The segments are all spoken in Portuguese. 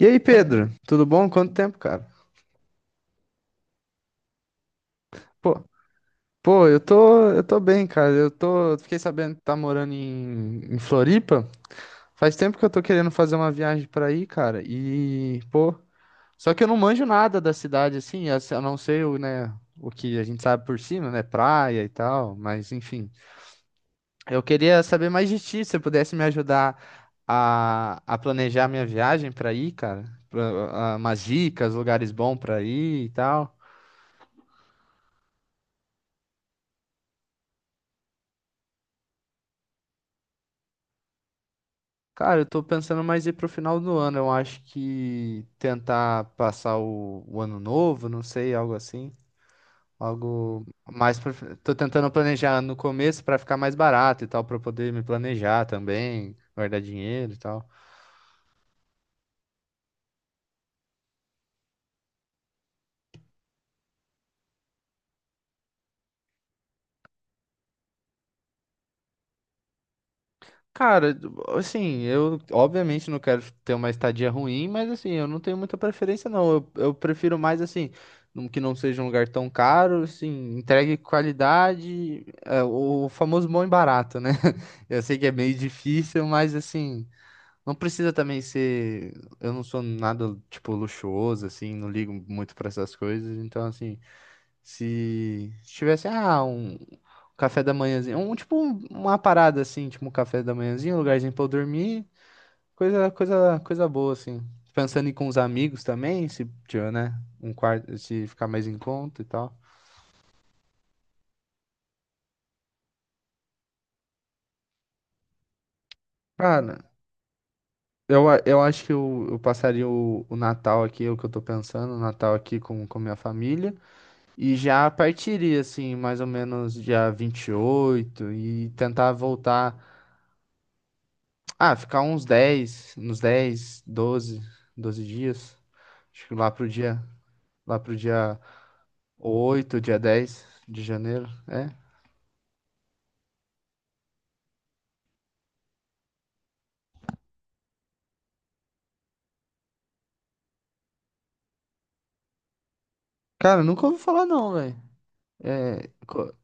E aí, Pedro, tudo bom? Quanto tempo, cara? Pô, pô, eu tô bem, cara. Eu fiquei sabendo que tá morando em Floripa. Faz tempo que eu tô querendo fazer uma viagem pra aí, cara. E, pô, só que eu não manjo nada da cidade assim, a não ser o, né, o que a gente sabe por cima, né, praia e tal, mas enfim. Eu queria saber mais de ti, se você pudesse me ajudar a planejar minha viagem pra aí, cara. Pra, umas dicas, lugares bons pra ir e tal. Cara, eu tô pensando mais ir pro final do ano. Eu acho que tentar passar o ano novo, não sei, algo assim. Algo mais pro... Tô tentando planejar no começo pra ficar mais barato e tal, pra eu poder me planejar também, guardar dinheiro e tal. Cara, assim, eu obviamente não quero ter uma estadia ruim, mas assim, eu não tenho muita preferência, não. Eu prefiro mais assim, que não seja um lugar tão caro, assim, entregue qualidade, é, o famoso bom e barato, né? Eu sei que é meio difícil, mas assim, não precisa também ser. Eu não sou nada, tipo, luxuoso, assim, não ligo muito pra essas coisas, então assim. Se tivesse, ah, um café da manhãzinho, um tipo uma parada assim, tipo um café da manhãzinho, um lugarzinho pra eu dormir, coisa boa assim. Pensando em ir com os amigos também, se tiver, né, um quarto, se ficar mais em conta e tal. Cara, eu, eu acho que eu passaria o Natal aqui, é o que eu tô pensando, o Natal aqui com minha família, e já partiria assim, mais ou menos dia 28 e tentar voltar. Ah, ficar uns 10, uns 10, 12, 12 dias. Acho que lá pro dia 8, dia 10 de janeiro. É. Cara, nunca ouvi falar não, velho. É,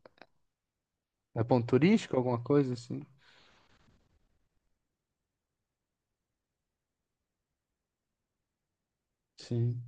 é ponto turístico, alguma coisa assim? Sim,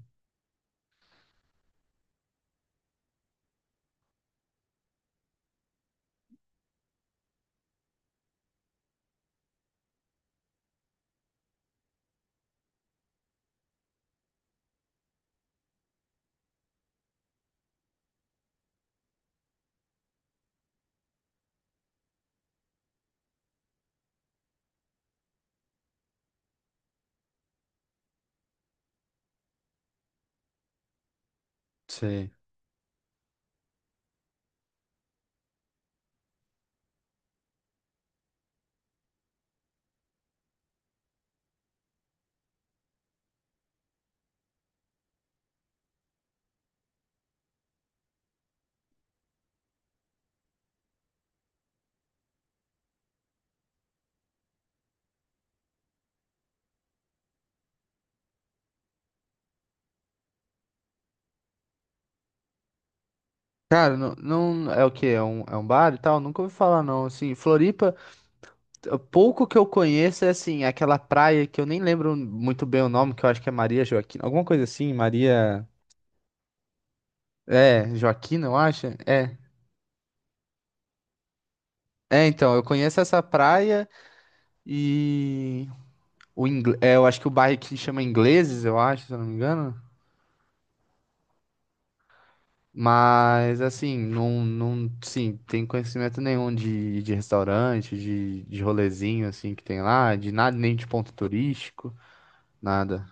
sei. Cara, não, não é o quê? É um bar e tal? Nunca ouvi falar não, assim. Floripa, pouco que eu conheço é assim, aquela praia que eu nem lembro muito bem o nome, que eu acho que é Maria Joaquina, alguma coisa assim, Maria, é, Joaquina, eu acho. É. É, então, eu conheço essa praia e o ingle... é, eu acho que o bairro aqui chama Ingleses, eu acho, se eu não me engano. Mas assim, não, não, sim, tem conhecimento nenhum de restaurante, de rolezinho assim que tem lá, de nada, nem de ponto turístico, nada.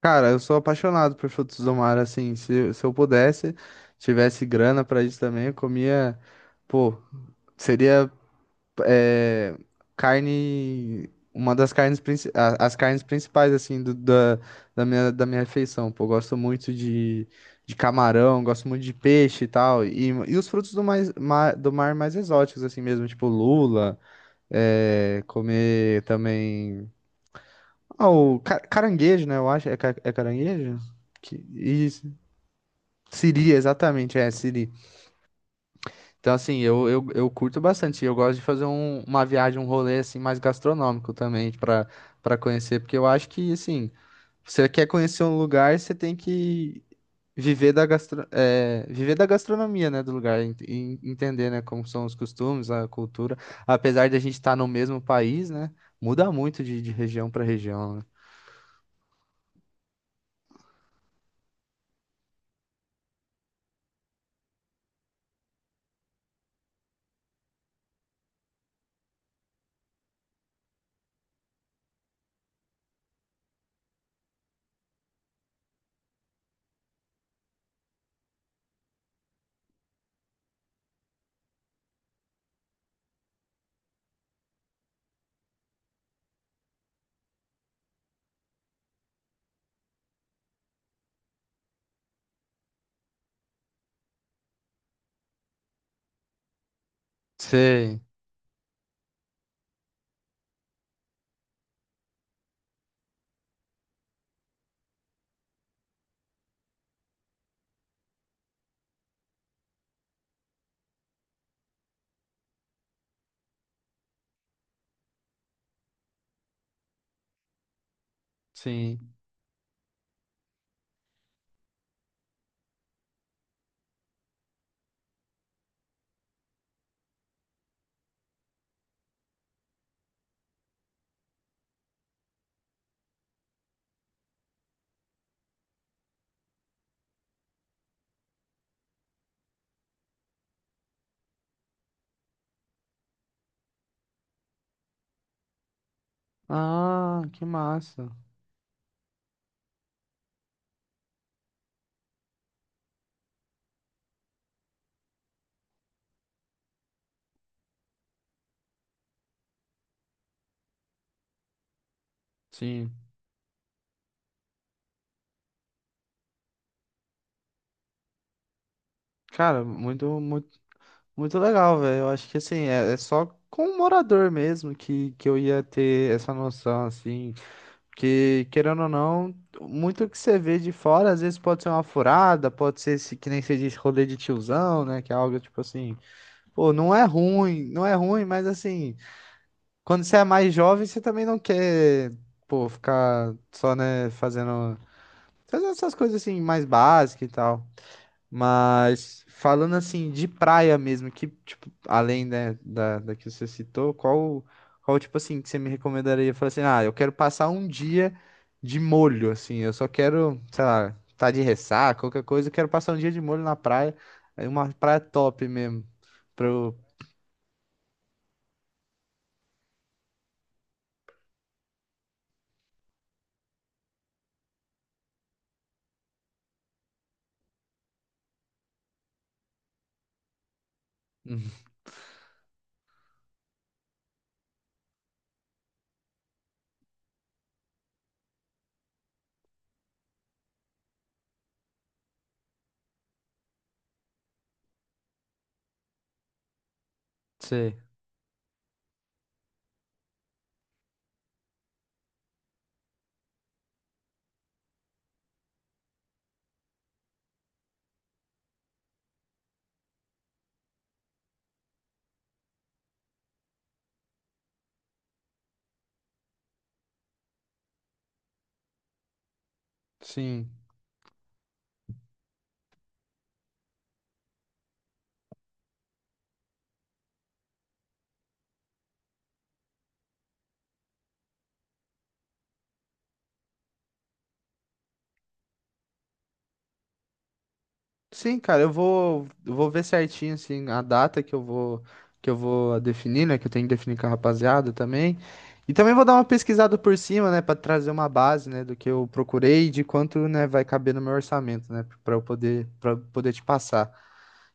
Cara, eu sou apaixonado por frutos do mar, assim, se eu pudesse, tivesse grana pra isso também, eu comia, pô, seria é, carne, uma das carnes, as carnes principais, assim, da, da minha refeição. Pô, eu gosto muito de camarão, gosto muito de peixe e tal. E os frutos do, mais, do mar mais exóticos, assim mesmo, tipo lula, é, comer também. Ah, o caranguejo, né? Eu acho. É, é caranguejo? Que, isso. Siri, exatamente, é, siri. Então, assim, eu curto bastante. Eu gosto de fazer uma viagem, um rolê, assim, mais gastronômico também, para conhecer. Porque eu acho que, assim, você quer conhecer um lugar, você tem que viver da gastro, é, viver da gastronomia, né, do lugar. E entender, né, como são os costumes, a cultura. Apesar de a gente estar no mesmo país, né, muda muito de região para região, né? Sei, sim. Ah, que massa. Sim. Cara, muito, muito legal, velho. Eu acho que assim, é, é só com o morador mesmo que eu ia ter essa noção, assim. Que, querendo ou não, muito que você vê de fora, às vezes pode ser uma furada, pode ser esse, que nem você diz, rolê de tiozão, né? Que é algo tipo assim, pô, não é ruim, mas assim, quando você é mais jovem, você também não quer, pô, ficar só, né, fazendo, fazendo essas coisas assim, mais básicas e tal. Mas falando assim de praia mesmo, que tipo, além né, da, da que você citou, qual tipo assim que você me recomendaria? Falar assim, ah, eu quero passar um dia de molho, assim, eu só quero, sei lá, tá de ressaca, qualquer coisa, eu quero passar um dia de molho na praia, aí uma praia top mesmo, pro, hum, sei, sim. Sim, cara, eu vou ver certinho assim a data que eu vou definir, né, que eu tenho que definir com a rapaziada também. E também vou dar uma pesquisada por cima, né, para trazer uma base, né, do que eu procurei e de quanto, né, vai caber no meu orçamento, né, para poder te passar.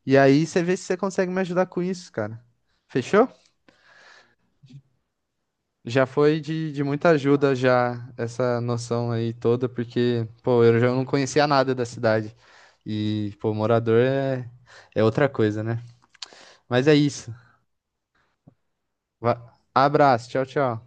E aí você vê se você consegue me ajudar com isso, cara. Fechou? Já foi de muita ajuda já essa noção aí toda, porque, pô, eu já não conhecia nada da cidade. E, pô, morador é é outra coisa, né? Mas é isso. Abraço, tchau.